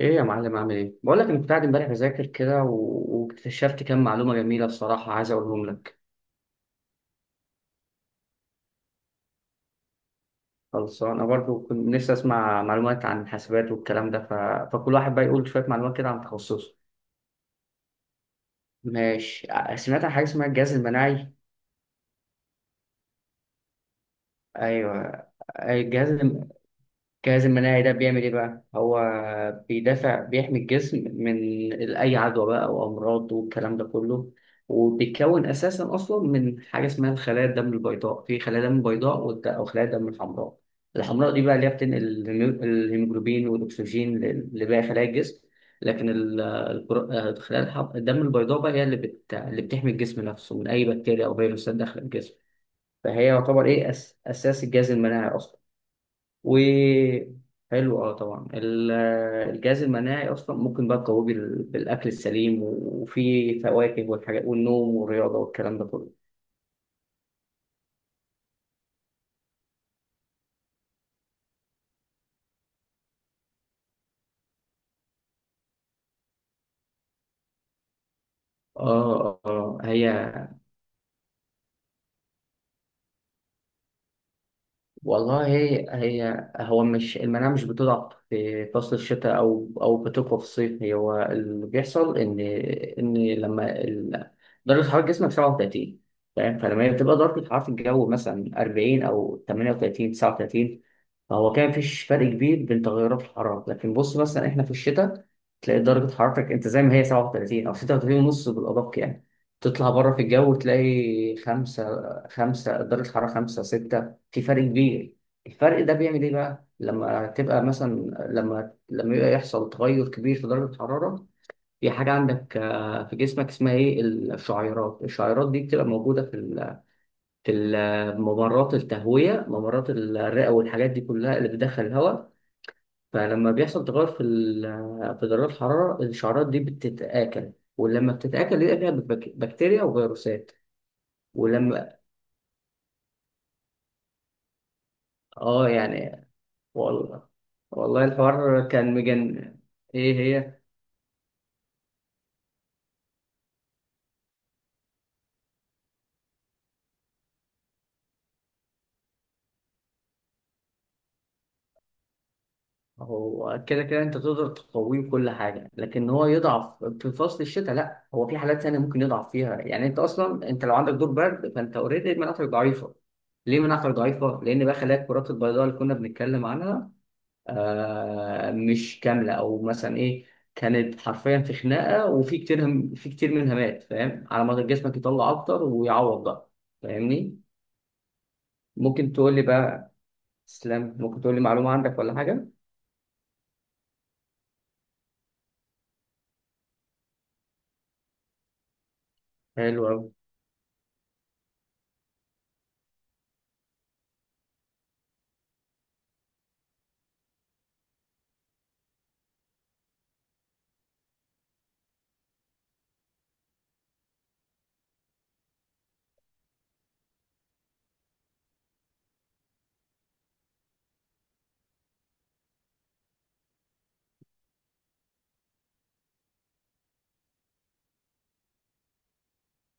ايه يا معلم، عامل ايه؟ بقول لك انا كنت قاعد امبارح بذاكر كده واكتشفت كام معلومه جميله الصراحه، عايز اقولهم لك. خلاص انا برضو كنت نفسي اسمع معلومات عن الحاسبات والكلام ده فكل واحد بقى يقول شويه معلومات كده عن تخصصه. ماشي، سمعت عن حاجه اسمها الجهاز المناعي. ايوه. أي الجهاز؟ الجهاز المناعي ده بيعمل ايه بقى؟ هو بيدافع، بيحمي الجسم من اي عدوى بقى او امراض والكلام ده كله. وبيتكون اساسا اصلا من حاجه اسمها الخلايا الدم البيضاء، في خلايا دم بيضاء او خلايا دم الحمراء. الحمراء دي بقى اللي هي بتنقل الهيموجلوبين والاكسجين لباقي خلايا الجسم. لكن خلايا الدم البيضاء بقى هي اللي بتحمي الجسم نفسه من اي بكتيريا او فيروسات داخل الجسم. فهي يعتبر ايه، اساس الجهاز المناعي اصلا. و حلو، طبعا الجهاز المناعي اصلا ممكن بقى تقويه بالاكل السليم وفي فواكه والحاجات والنوم والرياضه والكلام ده كله. اه هي والله. هي هو، مش المناعة مش بتضعف في فصل الشتاء أو بتقوى في الصيف. هي هو اللي بيحصل، إن لما درجة حرارة جسمك 37، فاهم؟ فلما هي بتبقى درجة حرارة الجو مثلا 40 أو 38 39، فهو كان مفيش فرق كبير بين تغيرات الحرارة. لكن بص مثلا، إحنا في الشتاء تلاقي درجة حرارتك أنت زي ما هي 37 أو 36 ونص بالأدق يعني. تطلع بره في الجو تلاقي خمسة، درجة حرارة خمسة ستة، في فرق كبير. الفرق ده بيعمل ايه بقى لما تبقى مثلا، لما يبقى يحصل تغير كبير في درجة الحرارة، في حاجة عندك في جسمك اسمها ايه، الشعيرات دي بتبقى موجودة في ممرات التهوية، ممرات الرئة والحاجات دي كلها اللي بتدخل الهواء. فلما بيحصل تغير في في درجة الحرارة، الشعيرات دي بتتآكل. ولما بتتآكل يبقى فيها بكتيريا وفيروسات. ولما، اه يعني والله. والله الحوار كان مجنن. ايه هي؟ هو كده كده انت تقدر تقويه بكل حاجه، لكن هو يضعف في فصل الشتاء لا. هو في حالات ثانيه ممكن يضعف فيها، يعني انت اصلا، انت لو عندك دور برد فانت اوريدي مناعتك ضعيفه. ليه مناعتك ضعيفه؟ لان بقى خلايا الكرات البيضاء اللي كنا بنتكلم عنها مش كامله، او مثلا ايه، كانت حرفيا في خناقه وفي كتير، هم في كتير منها مات، فاهم؟ على ما جسمك يطلع اكتر ويعوض بقى. فاهمني؟ ممكن تقول لي بقى، تسلم، ممكن تقول لي معلومة عندك ولا حاجة؟ حلو أوي.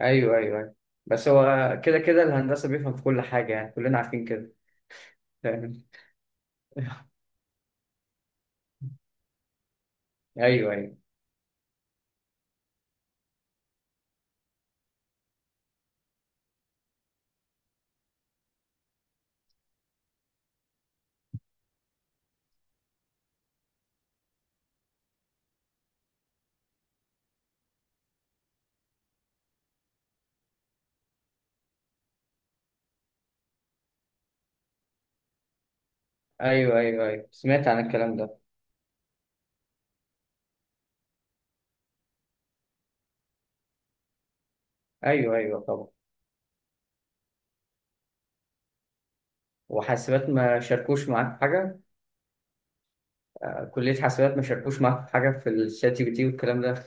أيوه، أيوه، أيوه. بس هو كده كده الهندسة بيفهم في كل حاجة يعني، كلنا عارفين كده. فاهم. أيوه، أيوه. أيوه، أيوه، أيوه، سمعت عن الكلام ده. أيوه، أيوه، طبعا. وحاسبات ما شاركوش معاك في حاجة؟ كلية حاسبات ما شاركوش معاك في حاجة في الشات جي بي تي والكلام ده؟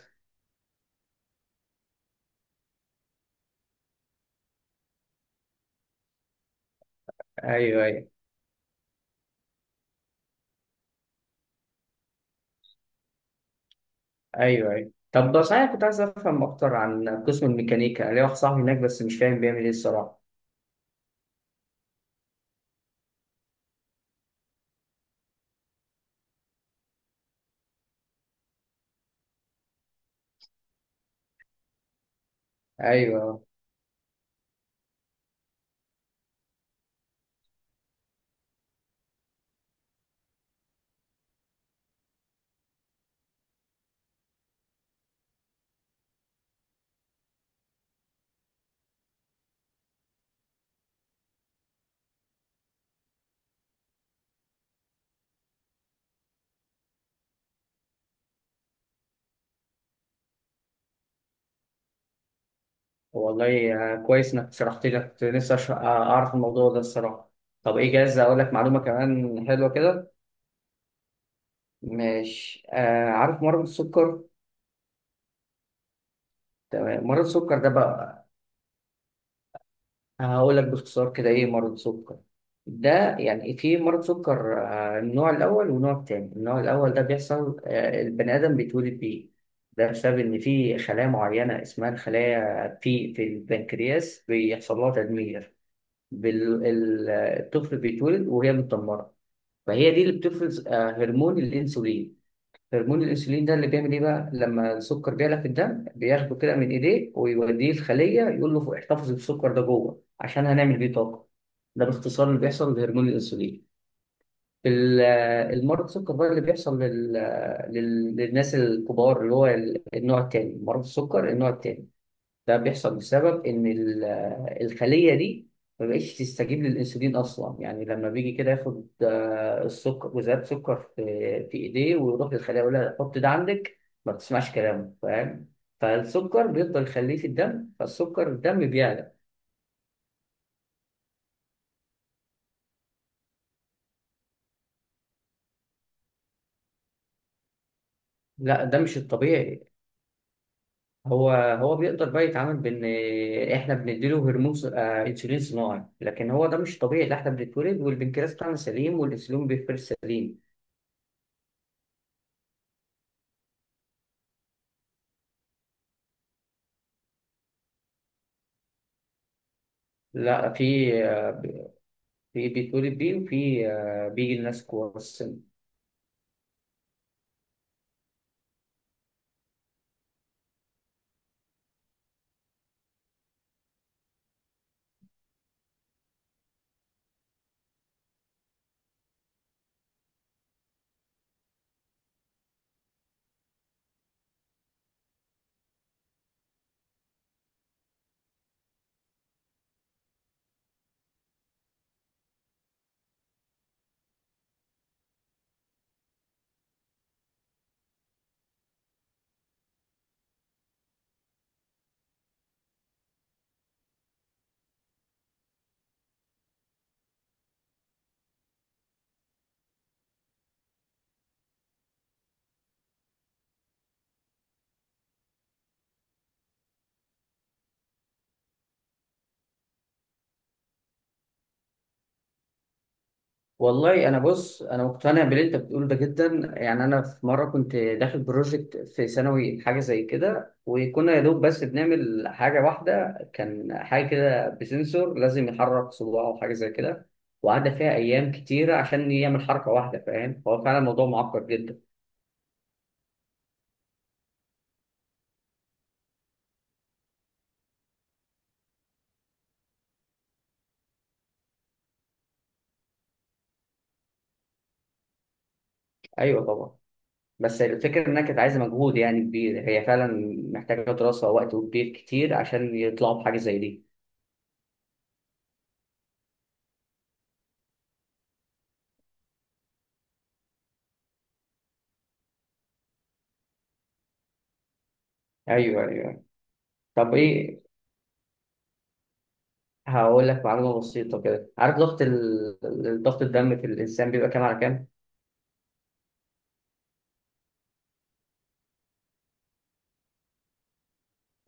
أيوه، أيوه. أيوه، أيوه، طب ده صحيح، كنت عايز أفهم أكتر عن قسم الميكانيكا، ليا واحد صاحبي هناك بس مش فاهم بيعمل إيه الصراحة. أيوه والله، كويس انك شرحت لي، كنت لسه اعرف الموضوع ده الصراحه. طب ايه، جاهز اقول لك معلومه كمان حلوه كده؟ مش عارف مرض السكر؟ تمام، مرض السكر ده بقى، هقول لك باختصار كده ايه مرض السكر. ده يعني في مرض سكر، النوع الاول والنوع التاني. النوع الاول ده بيحصل، البني ادم بيتولد بيه. ده بسبب ان في خلايا معينه اسمها الخلايا في البنكرياس بيحصل لها تدمير، بال... ال- الطفل بيتولد وهي متدمرة. فهي دي اللي بتفرز هرمون الأنسولين. هرمون الأنسولين ده اللي بيعمل إيه بقى؟ لما السكر بيعلى في الدم بياخده كده من إيديه ويوديه الخلية، يقول له احتفظ بالسكر ده جوه عشان هنعمل بيه طاقة. ده باختصار اللي بيحصل بهرمون الأنسولين. المرض السكر بقى اللي بيحصل للناس الكبار، اللي هو النوع التاني، مرض السكر النوع التاني. ده بيحصل بسبب ان الخليه دي ما بقتش تستجيب للانسولين اصلا. يعني لما بيجي كده ياخد، السكر، جزيئات سكر في ايديه، ويروح للخليه يقول لها حط ده عندك، ما بتسمعش كلامه، فاهم؟ فالسكر بيفضل يخليه في الدم، فالسكر الدم بيعلى. لا، ده مش الطبيعي. هو هو بيقدر بقى يتعامل بان احنا بنديله هرمون انسولين صناعي، لكن هو ده مش طبيعي. ده احنا بنتولد والبنكرياس بتاعنا سليم والانسولين بيفرز سليم. لا، في في بيتولد بيه، وفي بيجي لناس كبار السن. والله انا بص، انا مقتنع باللي انت بتقوله ده جدا يعني. انا في مره كنت داخل بروجكت في ثانوي حاجه زي كده، وكنا يا دوب بس بنعمل حاجه واحده، كان حاجه كده بسنسور لازم يحرك صباعه او حاجه زي كده، وقعد فيها ايام كتيره عشان يعمل حركه واحده، فاهم؟ هو فعلا الموضوع معقد جدا. ايوه طبعا. بس الفكرة إنها كانت عايزة مجهود يعني كبير هي فعلا، محتاجة دراسة ووقت وكبير كتير عشان يطلعوا بحاجة زي دي. أيوه، أيوه. طب ايه، هقول لك معلومه بسيطه كده. عارف ضغط الضغط الدم في الانسان بيبقى كام على كام؟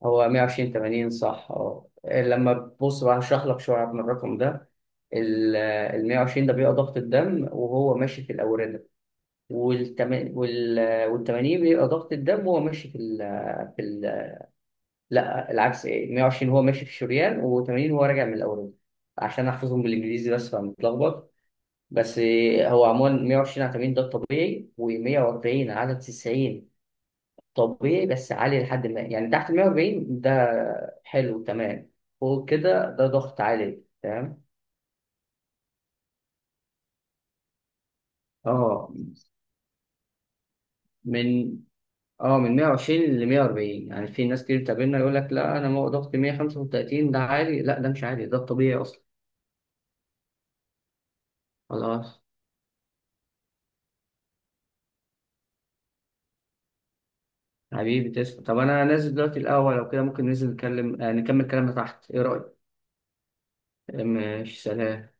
هو 120 80 صح. اه إيه، لما تبص بقى هشرح لك شويه من الرقم ده. ال 120 ده بيبقى ضغط الدم وهو ماشي في الاورده. وال وال وال 80 بيبقى ضغط الدم وهو ماشي في ال في ال لا العكس، ايه، 120 هو ماشي في الشريان و80 هو راجع من الاورده، عشان احفظهم بالانجليزي بس فمتلخبط بس. هو عموما 120 على 80 ده الطبيعي، و140 على 90 طبيعي بس عالي لحد ما. يعني تحت ال 140 ده حلو تمام، فوق كده ده ضغط عالي تمام. اه من اه من 120 ل 140، يعني في ناس كتير بتقابلنا يقول لك لا انا ضغطي 135 ده عالي، لا ده مش عالي ده الطبيعي اصلا. خلاص، حبيبي تسلم. طب انا نازل دلوقتي الاول، لو كده ممكن ننزل نتكلم، نكمل كلامنا تحت، ايه رايك؟ ماشي، سلام.